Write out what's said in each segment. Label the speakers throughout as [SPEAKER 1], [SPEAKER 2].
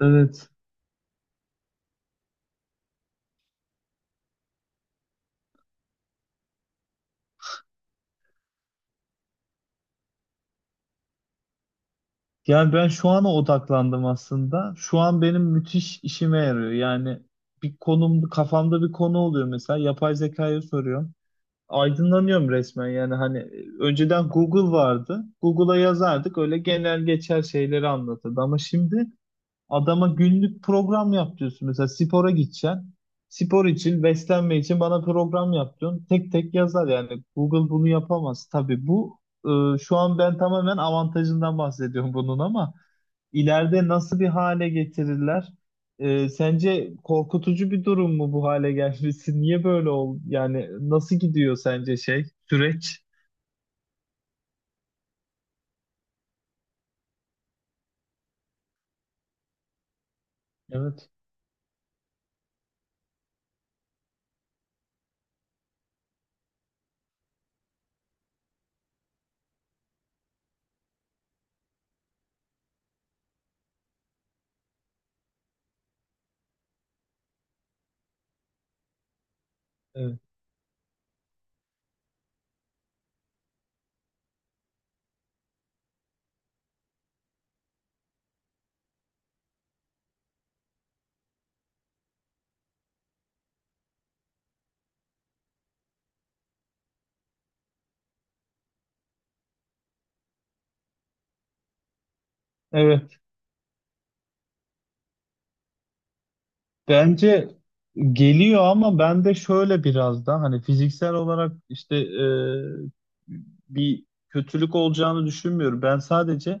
[SPEAKER 1] Evet. Yani ben şu ana odaklandım aslında. Şu an benim müthiş işime yarıyor. Yani bir konum, kafamda bir konu oluyor mesela. Yapay zekaya soruyorum. Aydınlanıyorum resmen yani hani önceden Google vardı. Google'a yazardık öyle genel geçer şeyleri anlatırdı. Ama şimdi adama günlük program yap diyorsun. Mesela spora gideceksin. Spor için, beslenme için bana program yap diyorsun. Tek tek yazar yani. Google bunu yapamaz. Tabii bu şu an ben tamamen avantajından bahsediyorum bunun, ama ileride nasıl bir hale getirirler? Sence korkutucu bir durum mu bu hale gelmesi? Niye böyle oldu? Yani nasıl gidiyor sence süreç? Evet. Evet. Evet. Bence geliyor, ama ben de şöyle biraz da hani fiziksel olarak bir kötülük olacağını düşünmüyorum. Ben sadece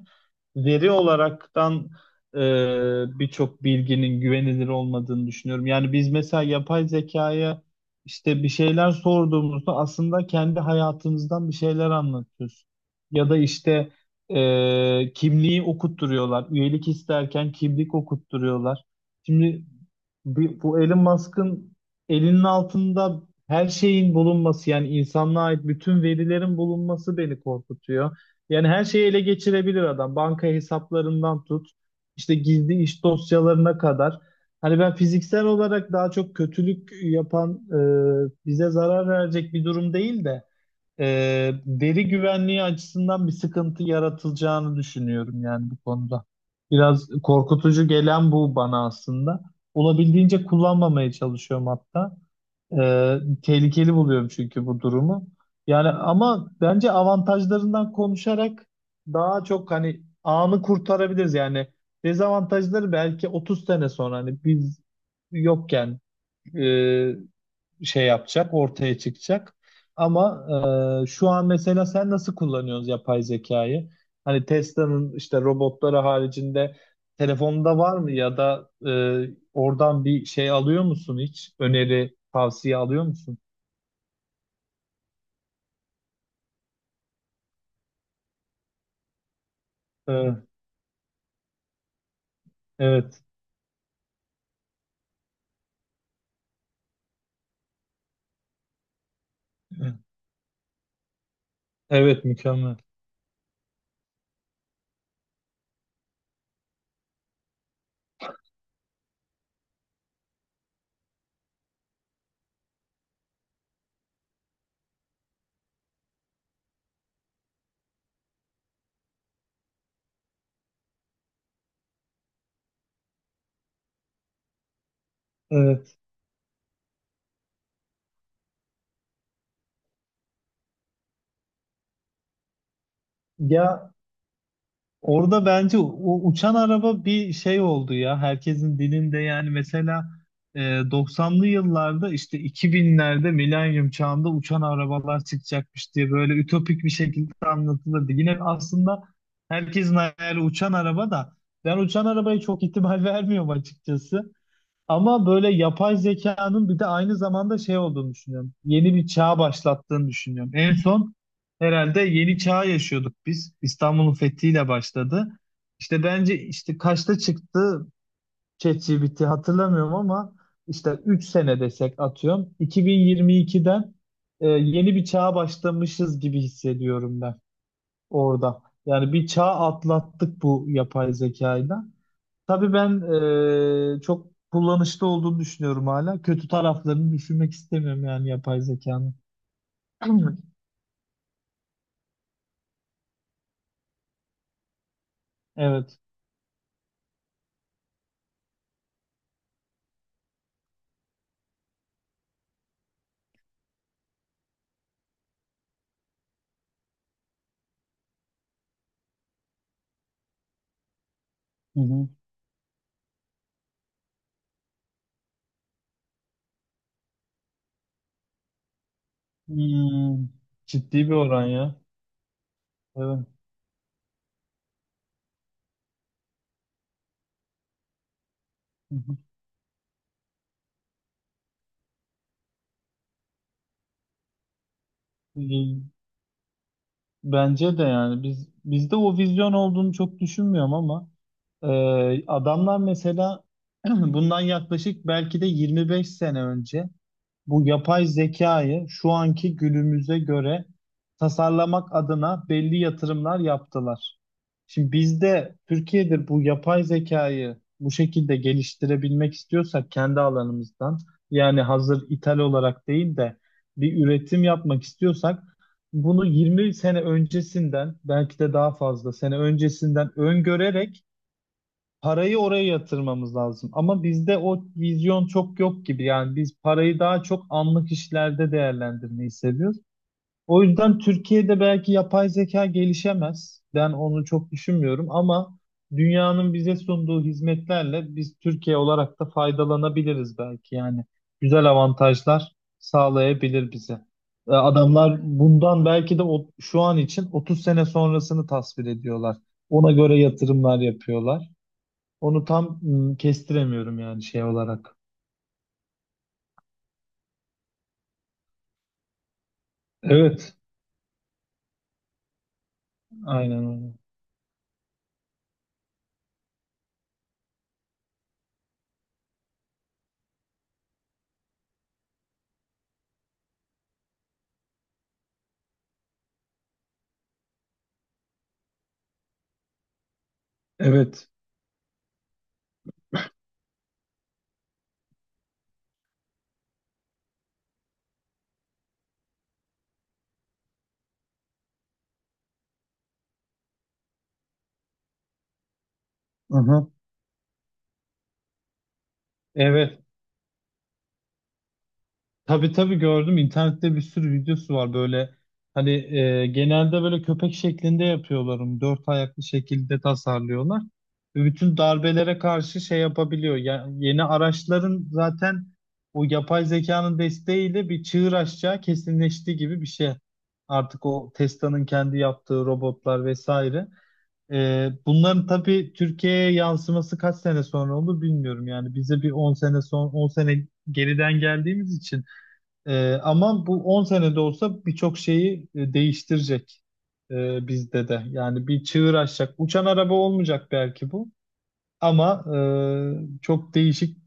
[SPEAKER 1] veri olaraktan e, birçok bilginin güvenilir olmadığını düşünüyorum. Yani biz mesela yapay zekaya işte bir şeyler sorduğumuzda aslında kendi hayatımızdan bir şeyler anlatıyoruz. Ya da işte kimliği okutturuyorlar. Üyelik isterken kimlik okutturuyorlar. Şimdi bir, bu Elon Musk'ın elinin altında her şeyin bulunması, yani insanlığa ait bütün verilerin bulunması beni korkutuyor. Yani her şeyi ele geçirebilir adam. Banka hesaplarından tut, işte gizli iş dosyalarına kadar. Hani ben fiziksel olarak daha çok kötülük yapan, bize zarar verecek bir durum değil de veri güvenliği açısından bir sıkıntı yaratılacağını düşünüyorum yani bu konuda. Biraz korkutucu gelen bu bana aslında. Olabildiğince kullanmamaya çalışıyorum hatta. Ee, Tehlikeli buluyorum çünkü bu durumu. Yani ama bence avantajlarından konuşarak daha çok hani anı kurtarabiliriz yani. Dezavantajları belki 30 sene sonra hani biz yokken e, şey yapacak, ortaya çıkacak. Ama şu an mesela sen nasıl kullanıyorsun yapay zekayı? Hani Tesla'nın işte robotları haricinde telefonda var mı, ya da oradan bir şey alıyor musun hiç? Öneri, tavsiye alıyor musun? Evet, evet, evet, mükemmel. Evet. Ya, orada bence o uçan araba bir şey oldu ya. Herkesin dilinde yani mesela e, 90'lı yıllarda işte 2000'lerde milenyum çağında uçan arabalar çıkacakmış diye böyle ütopik bir şekilde anlatılırdı. Yine aslında herkesin hayali uçan araba da, ben uçan arabaya çok ihtimal vermiyorum açıkçası. Ama böyle yapay zekanın bir de aynı zamanda şey olduğunu düşünüyorum. Yeni bir çağ başlattığını düşünüyorum. En son herhalde yeni çağ yaşıyorduk biz. İstanbul'un fethiyle başladı. İşte bence işte kaçta çıktı ChatGPT hatırlamıyorum ama işte 3 sene desek atıyorum. 2022'den yeni bir çağa başlamışız gibi hissediyorum ben orada. Yani bir çağ atlattık bu yapay zekayla. Tabii ben çok kullanışlı olduğunu düşünüyorum hala. Kötü taraflarını düşünmek istemiyorum yani yapay zekanın. Evet. Hı hı. Hmm, ciddi bir oran ya. Evet. Hı hı. İyi. Bence de yani bizde o vizyon olduğunu çok düşünmüyorum, ama adamlar mesela bundan yaklaşık belki de 25 sene önce bu yapay zekayı şu anki günümüze göre tasarlamak adına belli yatırımlar yaptılar. Şimdi bizde Türkiye'de bu yapay zekayı bu şekilde geliştirebilmek istiyorsak kendi alanımızdan, yani hazır ithal olarak değil de bir üretim yapmak istiyorsak bunu 20 sene öncesinden belki de daha fazla sene öncesinden öngörerek parayı oraya yatırmamız lazım. Ama bizde o vizyon çok yok gibi. Yani biz parayı daha çok anlık işlerde değerlendirmeyi seviyoruz. O yüzden Türkiye'de belki yapay zeka gelişemez. Ben onu çok düşünmüyorum ama dünyanın bize sunduğu hizmetlerle biz Türkiye olarak da faydalanabiliriz belki. Yani güzel avantajlar sağlayabilir bize. Adamlar bundan belki de şu an için 30 sene sonrasını tasvir ediyorlar. Ona göre yatırımlar yapıyorlar. Onu tam kestiremiyorum yani şey olarak. Evet, aynen öyle. Evet. Aha. Evet. Tabii tabii gördüm. İnternette bir sürü videosu var böyle. Hani genelde böyle köpek şeklinde yapıyorlar onu. Dört ayaklı şekilde tasarlıyorlar. Ve bütün darbelere karşı şey yapabiliyor. Ya, yeni araçların zaten o yapay zekanın desteğiyle bir çığır açacağı kesinleşti gibi bir şey. Artık o Tesla'nın kendi yaptığı robotlar vesaire. Bunların tabii Türkiye'ye yansıması kaç sene sonra olur bilmiyorum. Yani bize bir 10 sene geriden geldiğimiz için. Ama bu 10 senede olsa birçok şeyi değiştirecek bizde de. Yani bir çığır açacak. Uçan araba olmayacak belki bu, ama çok değişik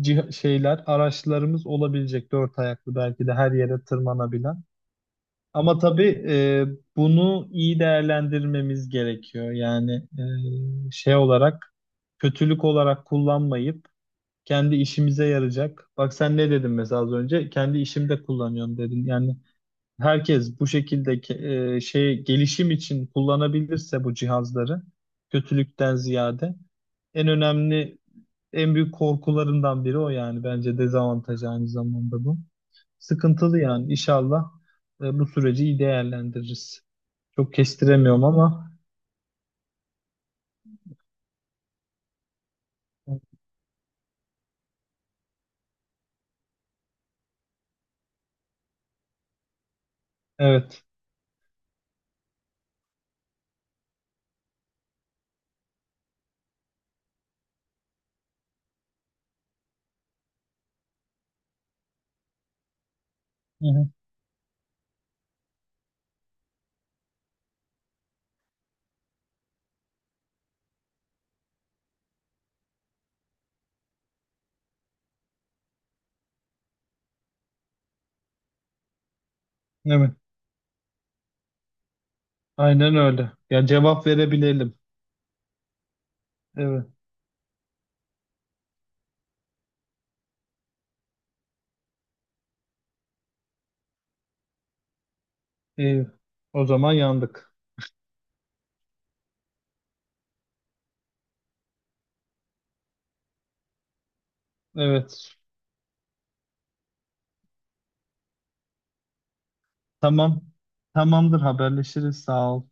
[SPEAKER 1] şeyler, araçlarımız olabilecek. Dört ayaklı belki de her yere tırmanabilen. Ama tabii bunu iyi değerlendirmemiz gerekiyor. Yani şey olarak, kötülük olarak kullanmayıp kendi işimize yarayacak. Bak sen ne dedin mesela az önce? Kendi işimde kullanıyorum dedin. Yani herkes bu şekilde şey gelişim için kullanabilirse bu cihazları, kötülükten ziyade en önemli, en büyük korkularından biri o yani, bence dezavantaj aynı zamanda bu. Sıkıntılı yani, inşallah bu süreci iyi değerlendiririz. Çok kestiremiyorum ama evet. Hı hı. Evet. Aynen öyle. Ya cevap verebilelim. Evet. İyi. O zaman yandık. Evet. Tamam. Tamamdır, haberleşiriz. Sağ ol.